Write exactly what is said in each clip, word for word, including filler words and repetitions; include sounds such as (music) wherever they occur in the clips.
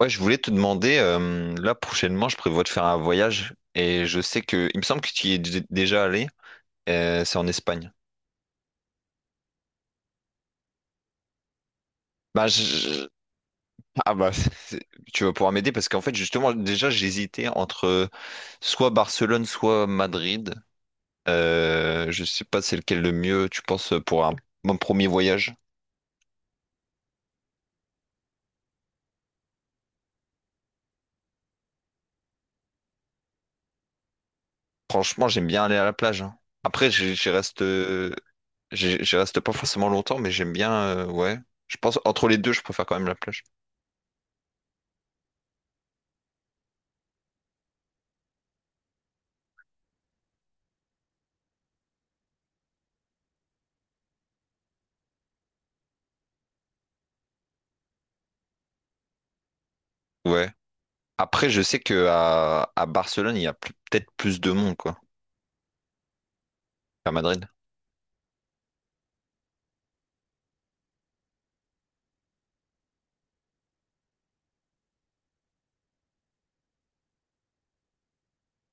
Ouais, je voulais te demander, euh, là prochainement, je prévois de faire un voyage et je sais que, il me semble que tu y es d- déjà allé, euh, c'est en Espagne. Bah, je- je- ah bah, (laughs) c'est- tu vas pouvoir m'aider parce qu'en fait, justement, déjà, j'hésitais entre soit Barcelone, soit Madrid. Euh, je sais pas c'est lequel le mieux, tu penses, pour un, mon premier voyage. Franchement, j'aime bien aller à la plage, hein. Après, j'y j'y reste, euh, j'y j'y reste pas forcément longtemps, mais j'aime bien, euh, ouais. Je pense, entre les deux, je préfère quand même la plage. Ouais. Après, je sais que à, à Barcelone, il y a plus- peut-être plus de monde, quoi, qu'à Madrid.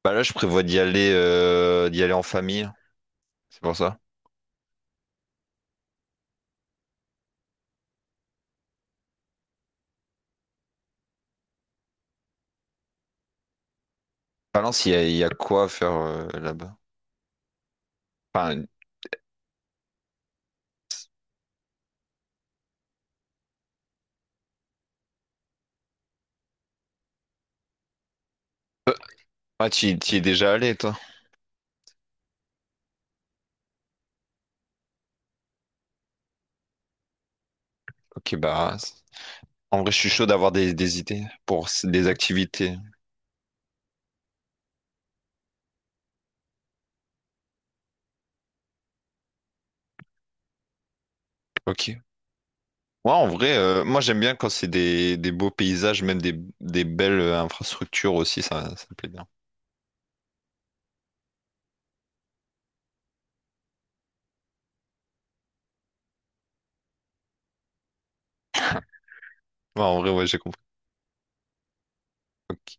Bah là, je prévois d'y aller, euh, d'y aller en famille. C'est pour ça. Valence, il y a, il y a quoi à faire euh, là-bas? Enfin, ah, tu y tu y es déjà allé, toi? Ok, bah, c- en vrai, je suis chaud d'avoir des, des idées pour s- des activités. Ok. Ouais, en vrai, euh, moi, j'aime bien quand c'est des, des beaux paysages, même des, des belles euh, infrastructures aussi, ça, ça me plaît bien. Ouais, en vrai, ouais, j'ai compris. Ok.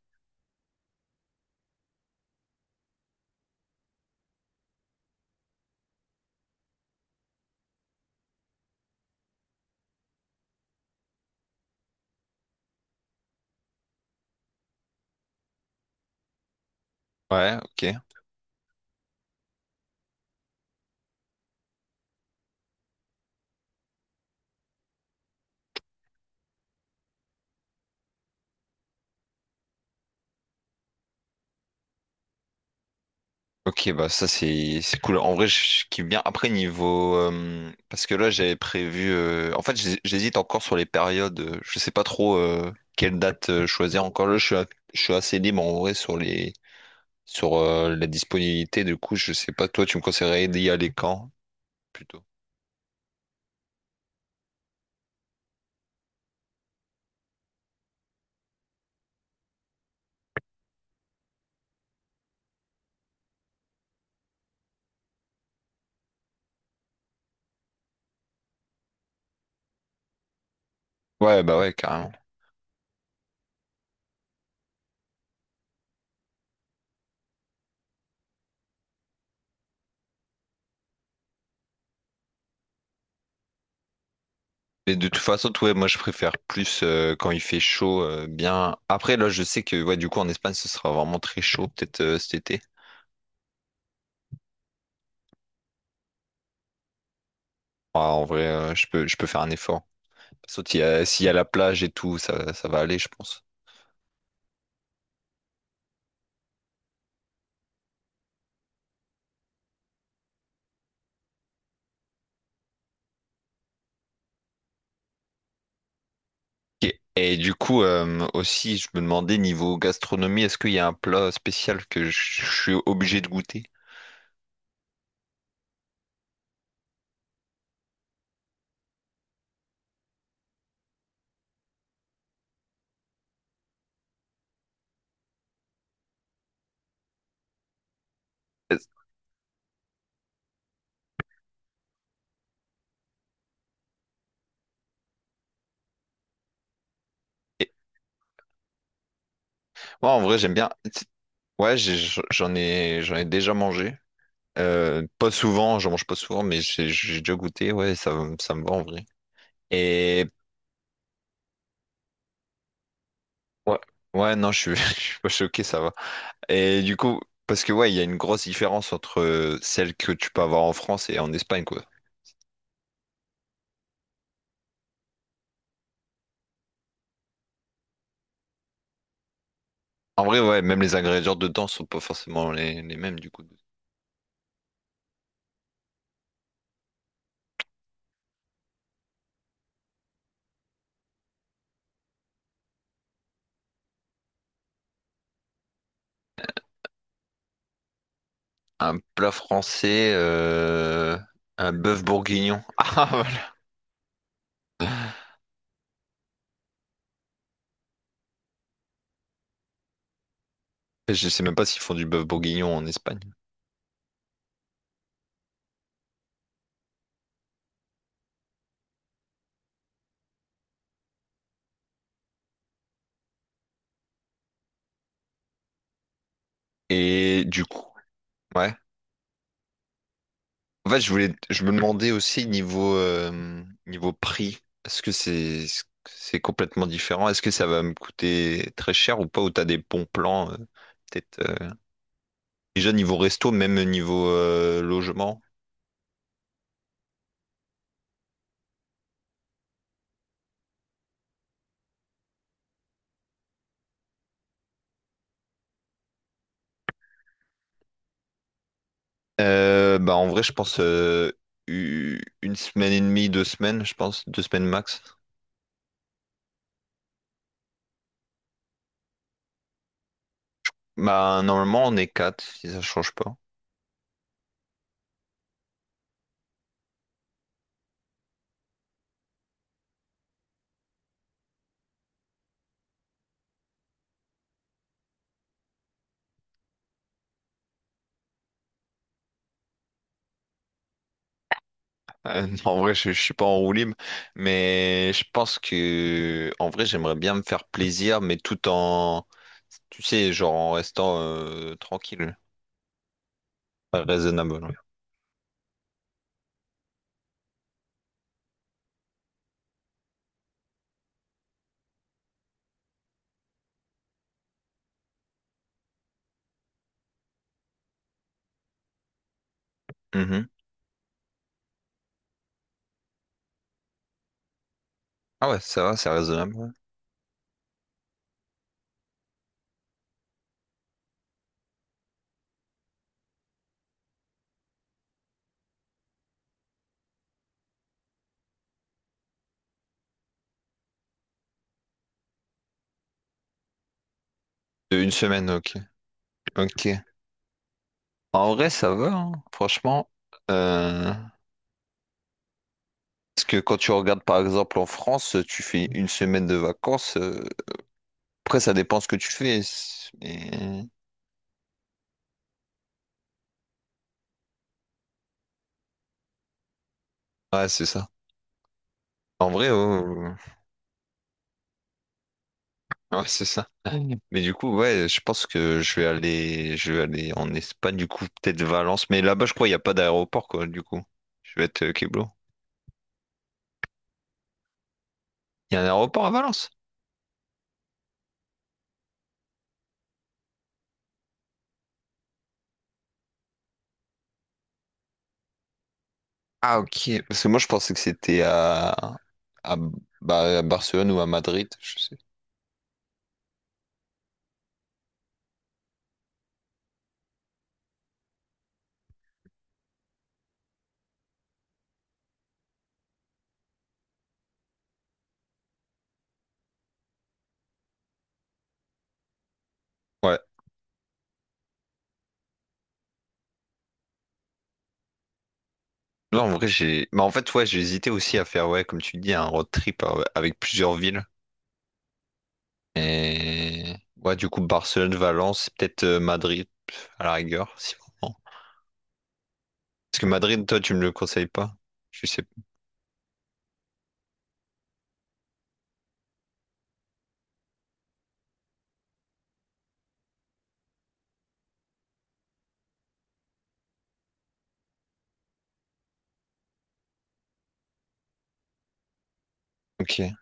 Ouais, ok. Ok, bah ça c'est c'est cool. En vrai, je kiffe bien. Après, niveau... euh, parce que là, j'avais prévu... euh, En fait, j'hés- j'hésite encore sur les périodes. euh, Je sais pas trop euh, quelle date euh, choisir. Encore là, je suis, a- je suis assez libre en vrai sur les... sur euh, la disponibilité. Du coup, je sais pas. Toi, tu me conseillerais d'y aller quand, plutôt? Ouais, bah ouais, carrément. Mais de toute façon, t- ouais, moi, je préfère plus euh, quand il fait chaud. euh, bien... Après, là, je sais que ouais, du coup, en Espagne, ce sera vraiment très chaud, peut-être euh, cet été. Ah, en vrai, euh, je peux, je peux faire un effort. Sauf qu'il y a- s'il y a la plage et tout, ça, ça va aller, je pense. Ok. Et du coup, euh, aussi, je me demandais, niveau gastronomie, est-ce qu'il y a un plat spécial que je je suis obligé de goûter? Est-ce- et- Moi, en vrai, j'aime bien. Ouais, j'ai- j'en ai, j'en ai déjà mangé. Euh, pas souvent, j'en mange pas souvent, mais j'ai j'ai déjà goûté. Ouais, ça, me- ça me va en vrai. Et ouais, ouais, non, je suis, (laughs) je suis pas choqué, ça va. Et du coup, parce que ouais, il y a une grosse différence entre euh, celle que tu peux avoir en France et en Espagne, quoi. En vrai, ouais, même les ingrédients dedans sont pas forcément les, les mêmes, du coup. Un plat français, euh, un bœuf bourguignon. (laughs) Ah, voilà. Je sais même pas s'ils font du bœuf bourguignon en Espagne. Et du coup, ouais. En fait, je voulais, je me demandais aussi niveau euh, niveau prix, est-ce que c'est c'est complètement différent? Est-ce que ça va me coûter très cher ou pas? Ou t'as des bons plans euh, peut-être euh, déjà niveau resto, même niveau euh, logement? Euh, bah en vrai, je pense euh, u- une semaine et demie, deux semaines, je pense deux semaines max. Bah normalement, on est quatre si ça change pas. Euh, (laughs) non, en vrai, je, je suis pas en roue libre, mais je pense que, en vrai, j'aimerais bien me faire plaisir, mais tout en, tu sais, genre en restant euh, tranquille, raisonnable, ouais. Mhm. Ah ouais, ça va, c'est raisonnable, ouais. De une semaine, ok. Ok. En vrai, ça va, hein, franchement. Euh, Parce que quand tu regardes, par exemple, en France, tu fais une semaine de vacances. euh, Après, ça dépend ce que tu fais. c'est- mais- Ouais, c'est ça. En vrai, ouais, ouais, ouais. Ouais, c'est ça. Mm. Mais du coup, ouais, je pense que je vais aller, je vais aller en Espagne, du coup, peut-être Valence. Mais là-bas, je crois, il n'y a pas d'aéroport, quoi, du coup. Je vais être euh, Keblo. Il y a un aéroport à Valence? Ah, ok. Parce que moi, je pensais que c'était à, à, bah, à Barcelone ou à Madrid, je sais. Ouais. Non, en vrai, j'ai. Mais en fait, ouais, j'ai hésité aussi à faire, ouais, comme tu dis, un road trip euh, avec plusieurs villes. Et, ouais, du coup, Barcelone, Valence, peut-être euh, Madrid, à la rigueur, si vraiment. Parce que Madrid, toi, tu me le conseilles pas? Je sais. Ok.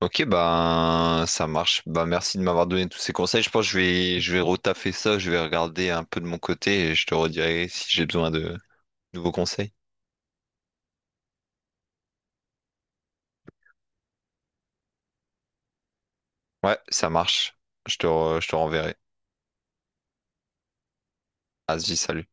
Ok, bah ça marche. Bah merci de m'avoir donné tous ces conseils. Je pense que je vais je vais retaffer ça, je vais regarder un peu de mon côté et je te redirai si j'ai besoin de nouveaux conseils. Ouais, ça marche. Je te re- je te renverrai. Vas-y, salut.